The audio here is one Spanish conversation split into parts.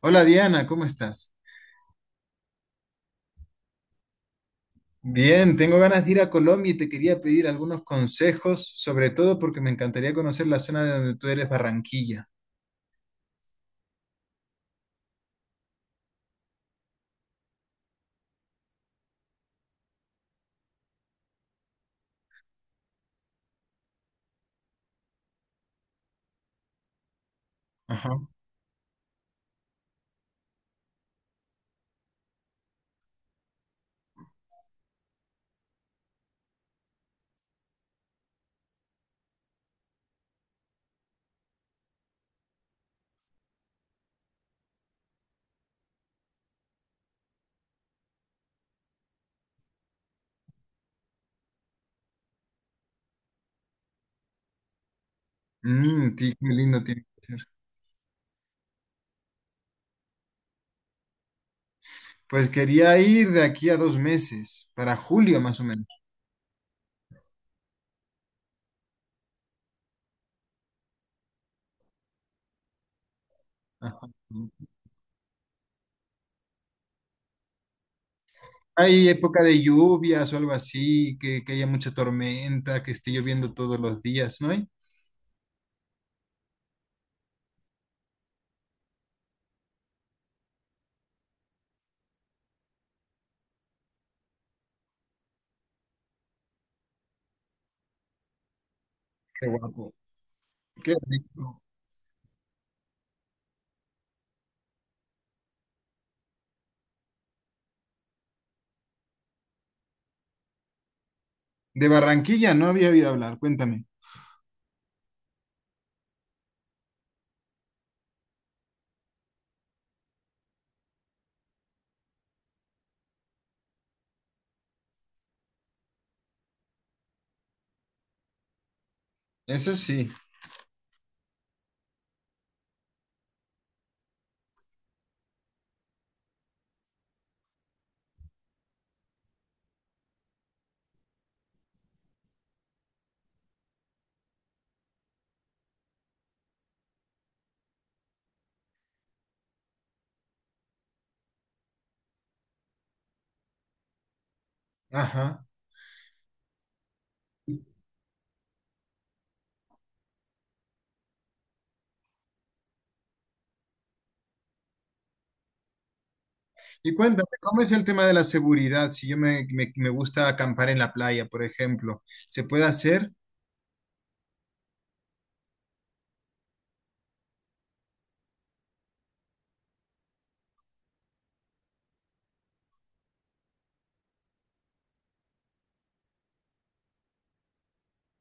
Hola Diana, ¿cómo estás? Bien, tengo ganas de ir a Colombia y te quería pedir algunos consejos, sobre todo porque me encantaría conocer la zona de donde tú eres, Barranquilla. Ajá. Mm, qué lindo tiene que ser. Pues quería ir de aquí a dos meses, para julio más o menos. Ajá. ¿Hay época de lluvias o algo así, que haya mucha tormenta, que esté lloviendo todos los días, no hay? Qué guapo. Qué rico. De Barranquilla no había oído hablar, cuéntame. Eso sí. Ajá. Y cuéntame, ¿cómo es el tema de la seguridad? Si yo me, me- Me gusta acampar en la playa, por ejemplo, ¿se puede hacer?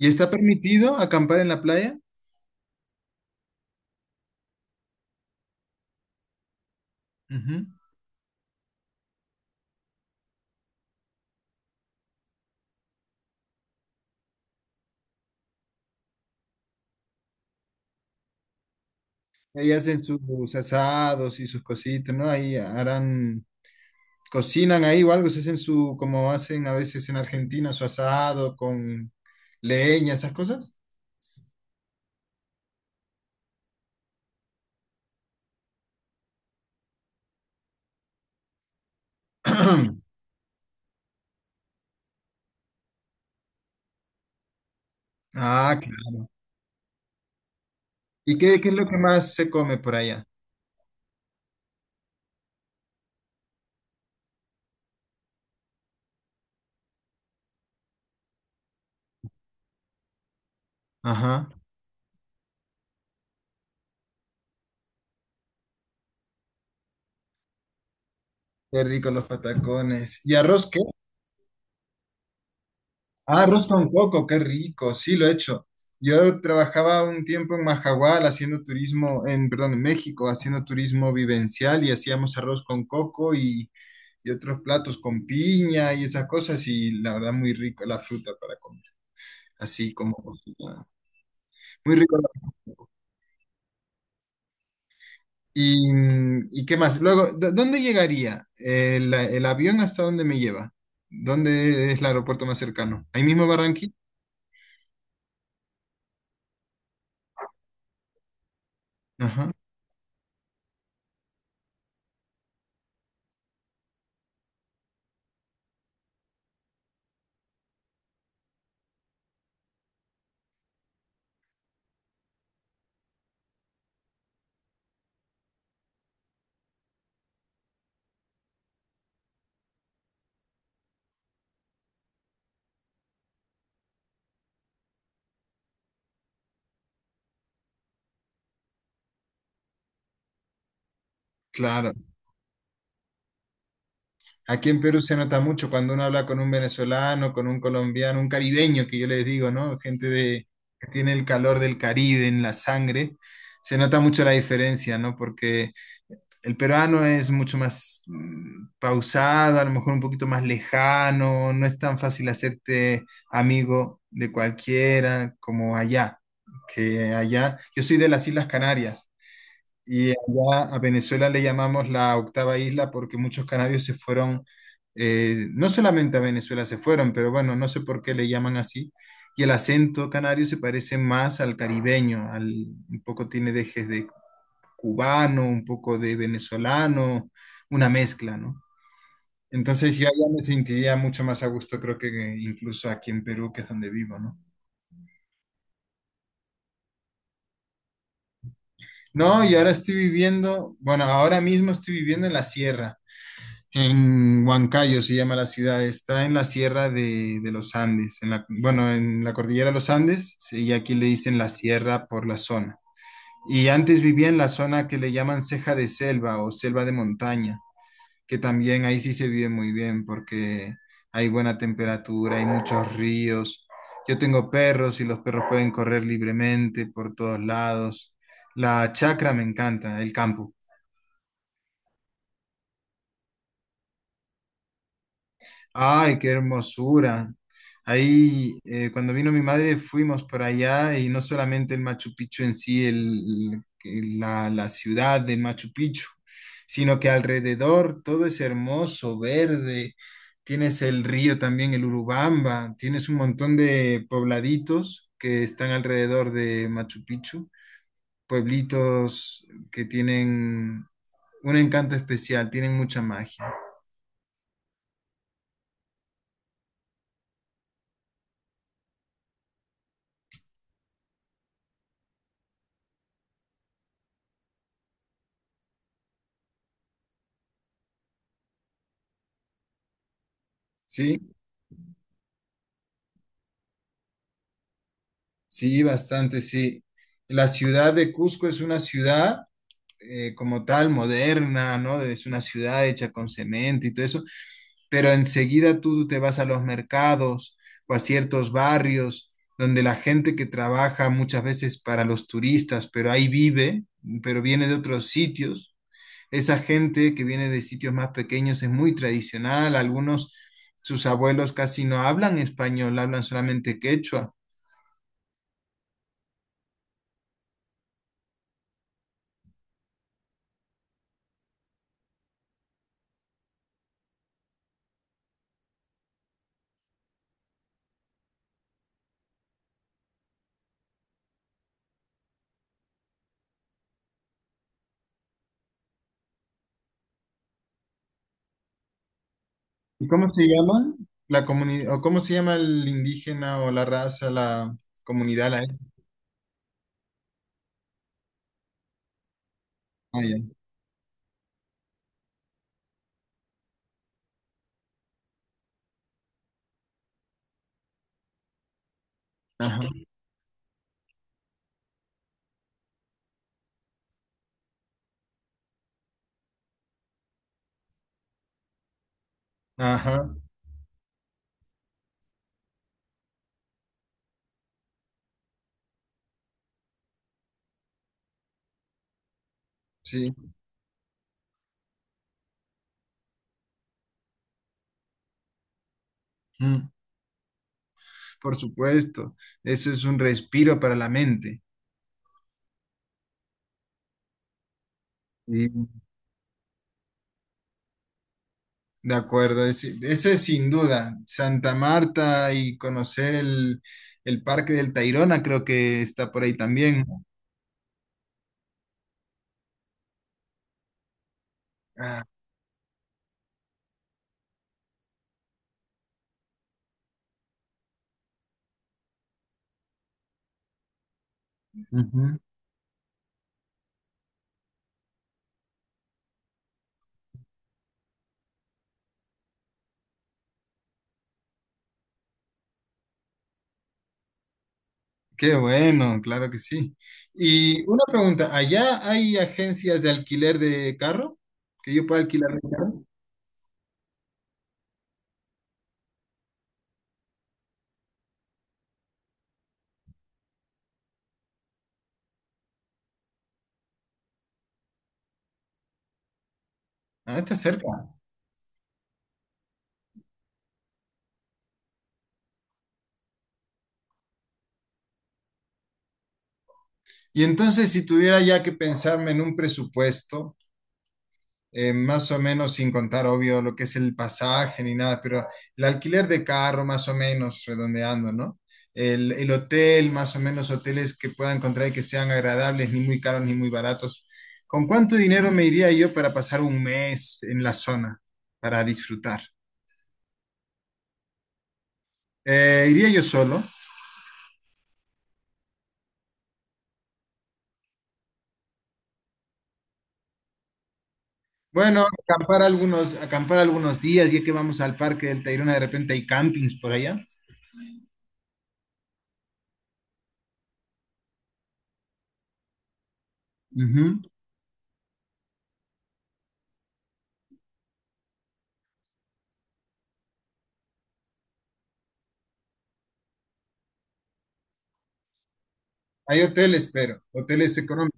¿Y está permitido acampar en la playa? Ujú. Ahí hacen sus asados y sus cositas, ¿no? Ahí harán, cocinan ahí o algo, se hacen su, como hacen a veces en Argentina, su asado con leña, esas cosas. Ah, claro. ¿Y qué es lo que más se come por allá? Ajá. Qué rico los patacones. ¿Y arroz qué? Ah, arroz con coco, qué rico, sí lo he hecho. Yo trabajaba un tiempo en Majagual haciendo turismo, en, perdón, en México, haciendo turismo vivencial y hacíamos arroz con coco y otros platos con piña y esas cosas y la verdad muy rico la fruta para comer, así como cocinada. Muy rico. ¿Y, y qué más? Luego, ¿dónde llegaría? El avión hasta dónde me lleva? ¿Dónde es el aeropuerto más cercano? ¿Ahí mismo Barranquilla? Ajá. Claro. Aquí en Perú se nota mucho cuando uno habla con un venezolano, con un colombiano, un caribeño, que yo les digo, ¿no? Gente de, que tiene el calor del Caribe en la sangre. Se nota mucho la diferencia, ¿no? Porque el peruano es mucho más mm, pausado, a lo mejor un poquito más lejano, no es tan fácil hacerte amigo de cualquiera como allá, que allá. Yo soy de las Islas Canarias. Y allá a Venezuela le llamamos la octava isla porque muchos canarios se fueron, no solamente a Venezuela se fueron, pero bueno, no sé por qué le llaman así. Y el acento canario se parece más al caribeño, al, un poco tiene dejes de cubano, un poco de venezolano, una mezcla, ¿no? Entonces yo allá me sentiría mucho más a gusto, creo que incluso aquí en Perú, que es donde vivo, ¿no? No, y ahora estoy viviendo, bueno, ahora mismo estoy viviendo en la sierra. En Huancayo se llama la ciudad, está en la sierra de los Andes, en la, bueno, en la cordillera de los Andes, sí, y aquí le dicen la sierra por la zona. Y antes vivía en la zona que le llaman ceja de selva o selva de montaña, que también ahí sí se vive muy bien porque hay buena temperatura, hay muchos ríos. Yo tengo perros y los perros pueden correr libremente por todos lados. La chacra me encanta, el campo. Ay, qué hermosura. Ahí, cuando vino mi madre, fuimos por allá y no solamente el Machu Picchu en sí, la ciudad del Machu Picchu, sino que alrededor todo es hermoso, verde. Tienes el río también, el Urubamba, tienes un montón de pobladitos que están alrededor de Machu Picchu, pueblitos que tienen un encanto especial, tienen mucha magia. ¿Sí? Sí, bastante, sí. La ciudad de Cusco es una ciudad como tal, moderna, ¿no? Es una ciudad hecha con cemento y todo eso, pero enseguida tú te vas a los mercados o a ciertos barrios donde la gente que trabaja muchas veces para los turistas, pero ahí vive, pero viene de otros sitios. Esa gente que viene de sitios más pequeños es muy tradicional. Algunos, sus abuelos casi no hablan español, hablan solamente quechua. ¿Y cómo se llama la comunidad, o cómo se llama el indígena o la raza, la comunidad, la etnia? Ah, ya. Ajá, ajá, sí, mm, por supuesto. Eso es un respiro para la mente. Y, de acuerdo, ese es sin duda. Santa Marta y conocer el Parque del Tayrona creo que está por ahí también. Ah, ujú. Qué bueno, claro que sí. Y una pregunta, ¿allá hay agencias de alquiler de carro? ¿Que yo pueda alquilar mi carro? Ah, está cerca. Y entonces, si tuviera ya que pensarme en un presupuesto, más o menos sin contar, obvio, lo que es el pasaje ni nada, pero el alquiler de carro, más o menos, redondeando, ¿no? El hotel, más o menos, hoteles que pueda encontrar y que sean agradables, ni muy caros ni muy baratos. ¿Con cuánto dinero me iría yo para pasar un mes en la zona para disfrutar? Iría yo solo. Bueno, acampar algunos días, ya que vamos al parque del Tayrona, de repente hay campings por allá. Ujú. Hay hoteles, pero hoteles económicos.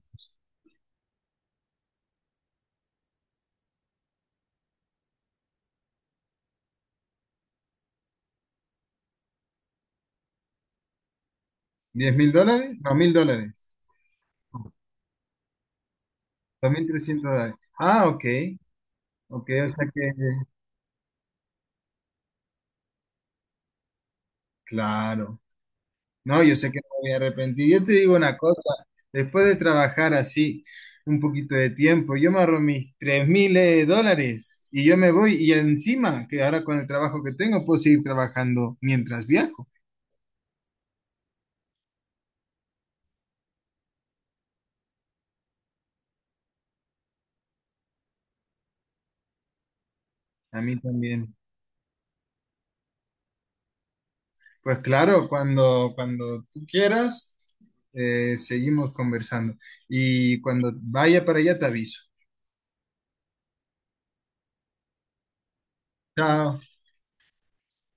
¿$10,000? No, $1,000. También $300. Ah, ok. Ok, o sea que, claro. No, yo sé que no me voy a arrepentir. Yo te digo una cosa, después de trabajar así un poquito de tiempo, yo me ahorro mis 3 mil dólares y yo me voy y encima, que ahora con el trabajo que tengo, puedo seguir trabajando mientras viajo. A mí también. Pues claro, cuando tú quieras, seguimos conversando. Y cuando vaya para allá, te aviso. Chao.